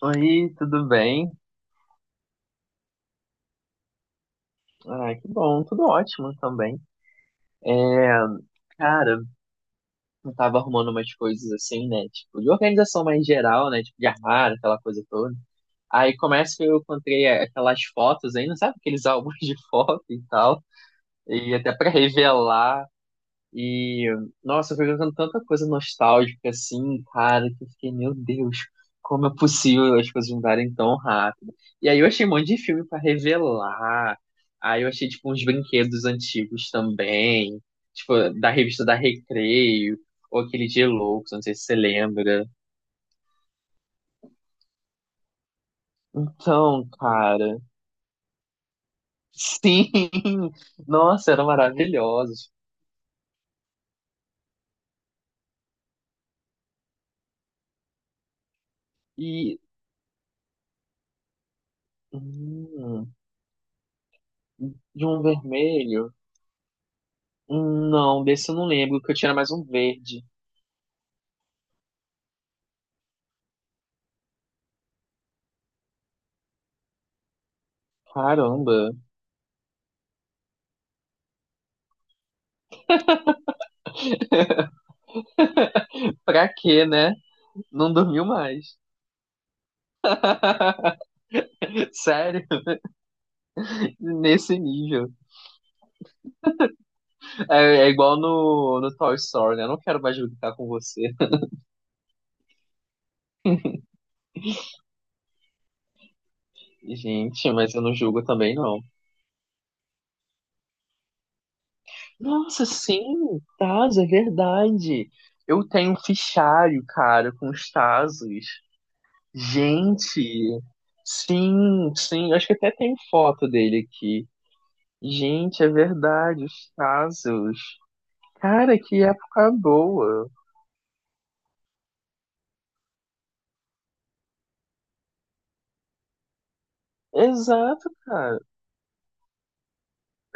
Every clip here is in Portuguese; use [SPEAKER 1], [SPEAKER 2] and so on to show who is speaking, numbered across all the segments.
[SPEAKER 1] Oi, tudo bem? Ah, que bom, tudo ótimo também. É, cara, eu tava arrumando umas coisas assim, né? Tipo, de organização mais geral, né? Tipo, de armário, aquela coisa toda. Aí começa que eu encontrei aquelas fotos ainda, sabe? Aqueles álbuns de foto e tal. E até pra revelar. E, nossa, foi jogando tanta coisa nostálgica assim, cara, que eu fiquei, meu Deus, como é possível as coisas mudarem tão rápido? E aí eu achei um monte de filme pra revelar. Aí eu achei, tipo, uns brinquedos antigos também, tipo, da revista da Recreio, ou aquele dia Loucos, não sei se você lembra. Então, cara, sim, nossa, eram maravilhosos. E, hum, de um vermelho. Não, desse eu não lembro, que eu tinha mais um verde. Caramba. Pra quê, né? Não dormiu mais. Sério, nesse nível. É, é igual no Toy Story, né? Eu não quero mais julgar com você. Gente, mas eu não julgo também, não. Nossa, sim, Tazo, é verdade. Eu tenho um fichário, cara, com os Tazos. Gente, sim, sim. Acho que até tem foto dele aqui. Gente, é verdade, os Tazos. Cara, que época boa. Exato, cara.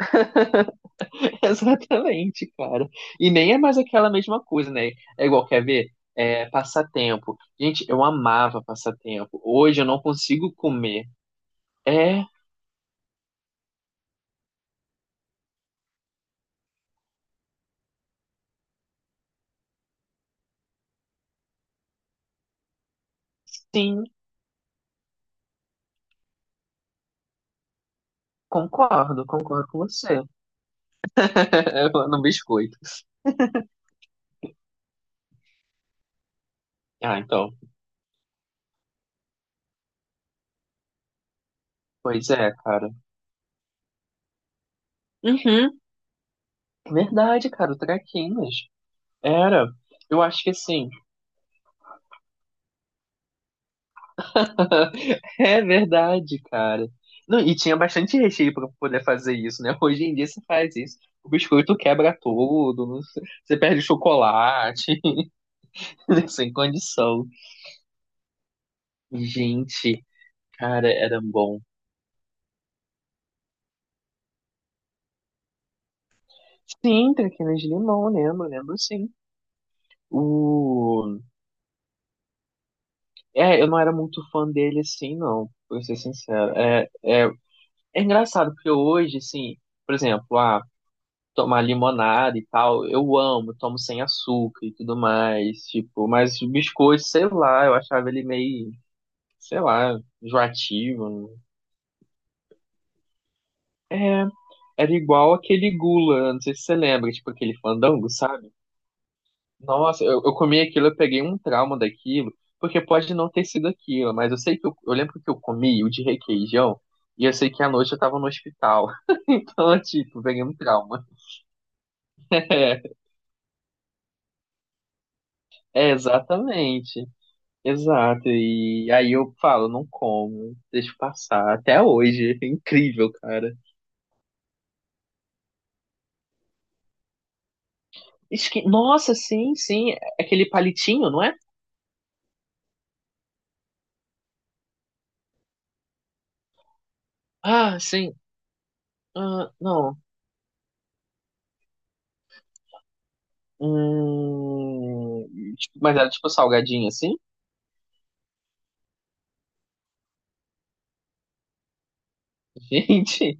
[SPEAKER 1] Exatamente, cara. E nem é mais aquela mesma coisa, né? É igual, quer ver? É, passatempo. Gente, eu amava passatempo. Hoje eu não consigo comer. É, sim, concordo, concordo com você. Eu no biscoito. Ah, então. Pois é, cara. Uhum, verdade, cara, o Traquinas. Era. Eu acho que assim. É verdade, cara. Não, e tinha bastante recheio pra poder fazer isso, né? Hoje em dia você faz isso. O biscoito quebra tudo, não sei- você perde o chocolate, sem condição. Gente, cara, era bom. Sim, traquinas de limão, lembro, lembro sim. O... É, eu não era muito fã dele assim, não, pra ser sincero. É, é engraçado, porque hoje, assim, por exemplo, ah, tomar limonada e tal. Eu amo, tomo sem açúcar e tudo mais, tipo, mas o biscoito, sei lá, eu achava ele meio, sei lá, enjoativo. É, era igual aquele gula, não sei se você lembra, tipo aquele fandango, sabe? Nossa, eu comi aquilo, eu peguei um trauma daquilo, porque pode não ter sido aquilo, mas eu sei que eu lembro que eu comi o de requeijão. E eu sei que à noite eu tava no hospital. Então, tipo, peguei um trauma. É, exatamente. Exato, e aí eu falo, não como, deixo passar, até hoje, é incrível, cara. Isso que, nossa, sim, sim, é aquele palitinho, não é? Ah, sim, ah, não, hum, tipo, mas era tipo salgadinho, assim? Gente,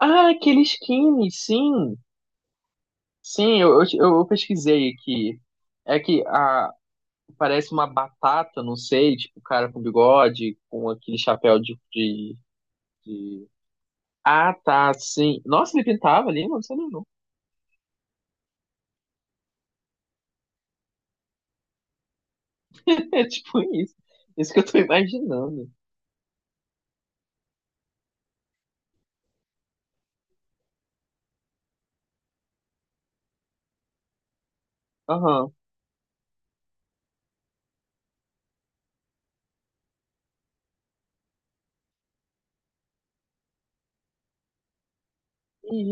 [SPEAKER 1] ah, aquele skinny, sim, sim, eu pesquisei aqui, é que a, parece uma batata, não sei, tipo, o cara com bigode, com aquele chapéu de. Ah, tá, sim. Nossa, ele pintava ali, mano, você não. Não. É tipo isso. Isso que eu tô imaginando. Aham.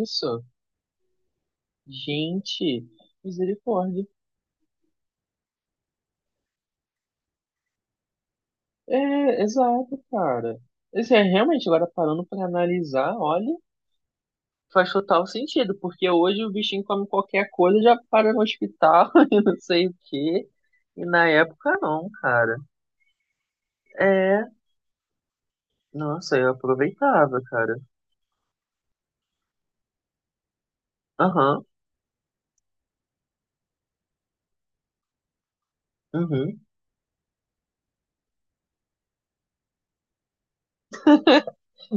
[SPEAKER 1] Isso. Gente, misericórdia. É, exato, cara. Esse é realmente, agora parando pra analisar, olha, faz total sentido, porque hoje o bichinho come qualquer coisa, já para no hospital e não sei o quê. E na época não, cara. É, nossa, eu aproveitava, cara. Aham, uhum.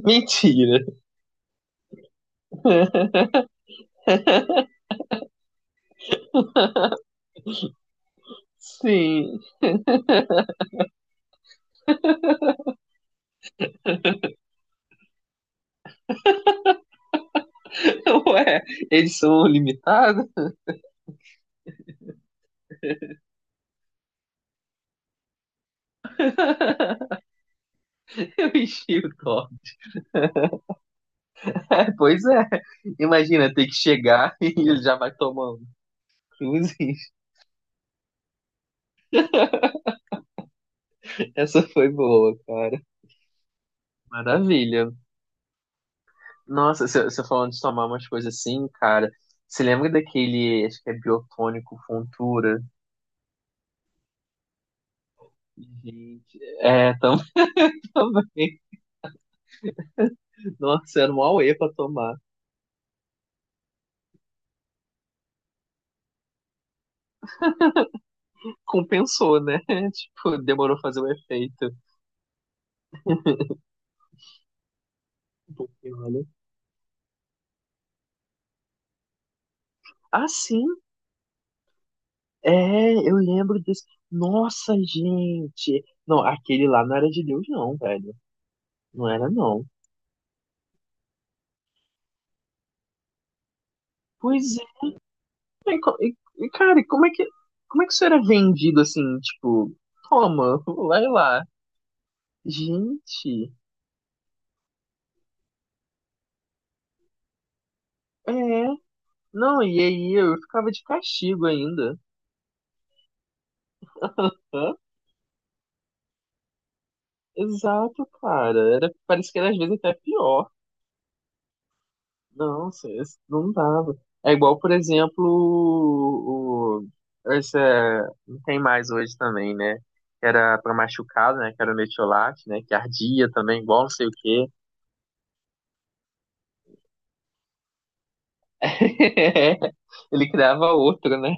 [SPEAKER 1] Mentira. Sim, ué, eles são limitados? Eu enchi o copo. É, pois é. Imagina, ter que chegar e ele já vai tomando. Cruzes. Essa foi boa, cara. Maravilha. Nossa, você falando de tomar umas coisas assim, cara. Você lembra daquele, acho que é biotônico Fontura? Gente, é, também. Nossa, era um auê pra tomar. Compensou, né? Tipo, demorou fazer o efeito. Porque, olha. Ah, sim! É, eu lembro desse. Nossa, gente! Não, aquele lá não era de Deus, não, velho. Não era, não. Pois é. E, co- e- cara, como é que isso era vendido assim? Tipo, toma, vai lá. Gente, é. Não, e aí eu ficava de castigo ainda. Hã? Exato, cara. Era, parece que era às vezes até pior. Nossa, esse não dava. É igual, por exemplo, esse não tem mais hoje também, né? Que era pra machucado, né? Que era o metiolate, né? Que ardia também, igual não sei o quê. Ele criava outro, né?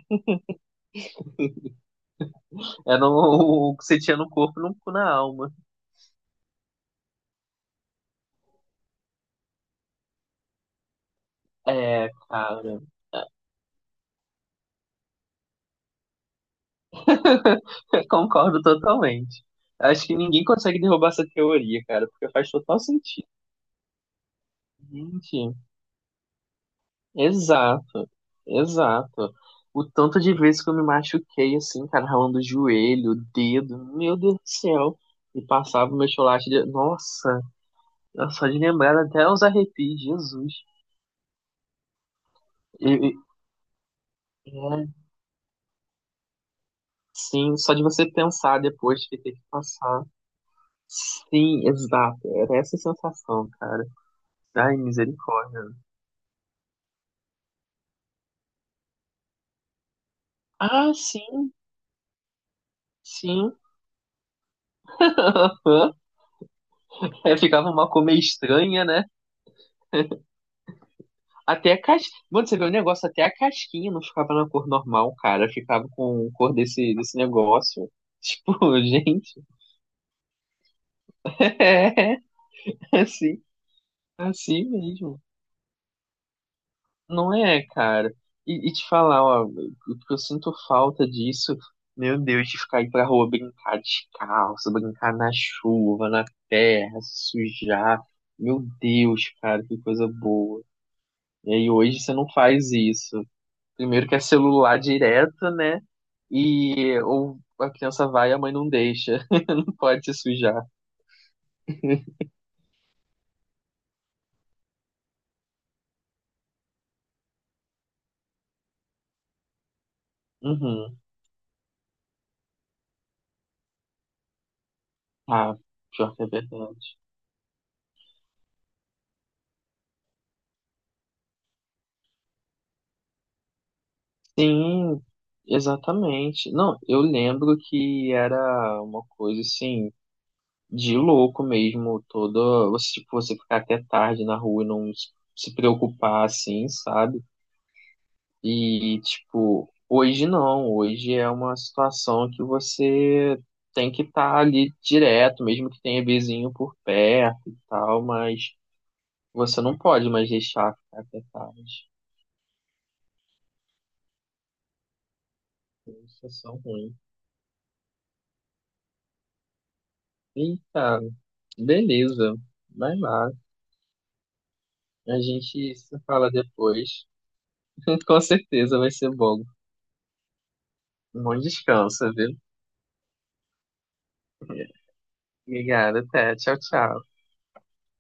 [SPEAKER 1] Era o que você tinha no corpo, no, na alma. É, cara, concordo totalmente. Acho que ninguém consegue derrubar essa teoria, cara, porque faz total sentido. Gente. Exato, exato. O tanto de vezes que eu me machuquei, assim, cara, ralando o joelho, o dedo, meu Deus do céu. E passava o meu chocolate, de... nossa, só de lembrar até os arrepios, Jesus. E- e- é, sim, só de você pensar depois que tem que passar. Sim, exato, era essa a sensação, cara. Ai, misericórdia. Ah, sim, sim. É, ficava uma cor meio estranha, né? Até a cas Mano, você vê o negócio, até a casquinha não ficava na cor normal, cara. Ficava com cor desse negócio. Tipo, gente. É, é assim, é assim mesmo. Não é, cara. E te falar, ó, o que eu sinto falta disso, meu Deus, de ficar aí pra rua brincar descalço, brincar na chuva, na terra, se sujar. Meu Deus, cara, que coisa boa. E aí hoje você não faz isso. Primeiro que é celular direto, né? E ou a criança vai e a mãe não deixa. Não pode se sujar. Uhum. Ah, pior que é verdade. Sim, exatamente. Não, eu lembro que era uma coisa assim, de louco mesmo, toda. Você, tipo, você ficar até tarde na rua e não se preocupar, assim, sabe? E, tipo, hoje não. Hoje é uma situação que você tem que estar ali direto, mesmo que tenha vizinho por perto e tal, mas você não pode mais deixar ficar até tarde. Isso é só ruim. E, cara, beleza. Vai lá. A gente se fala depois. Com certeza vai ser bom. Um bom descanso, viu? Obrigado, até. Tchau, tchau.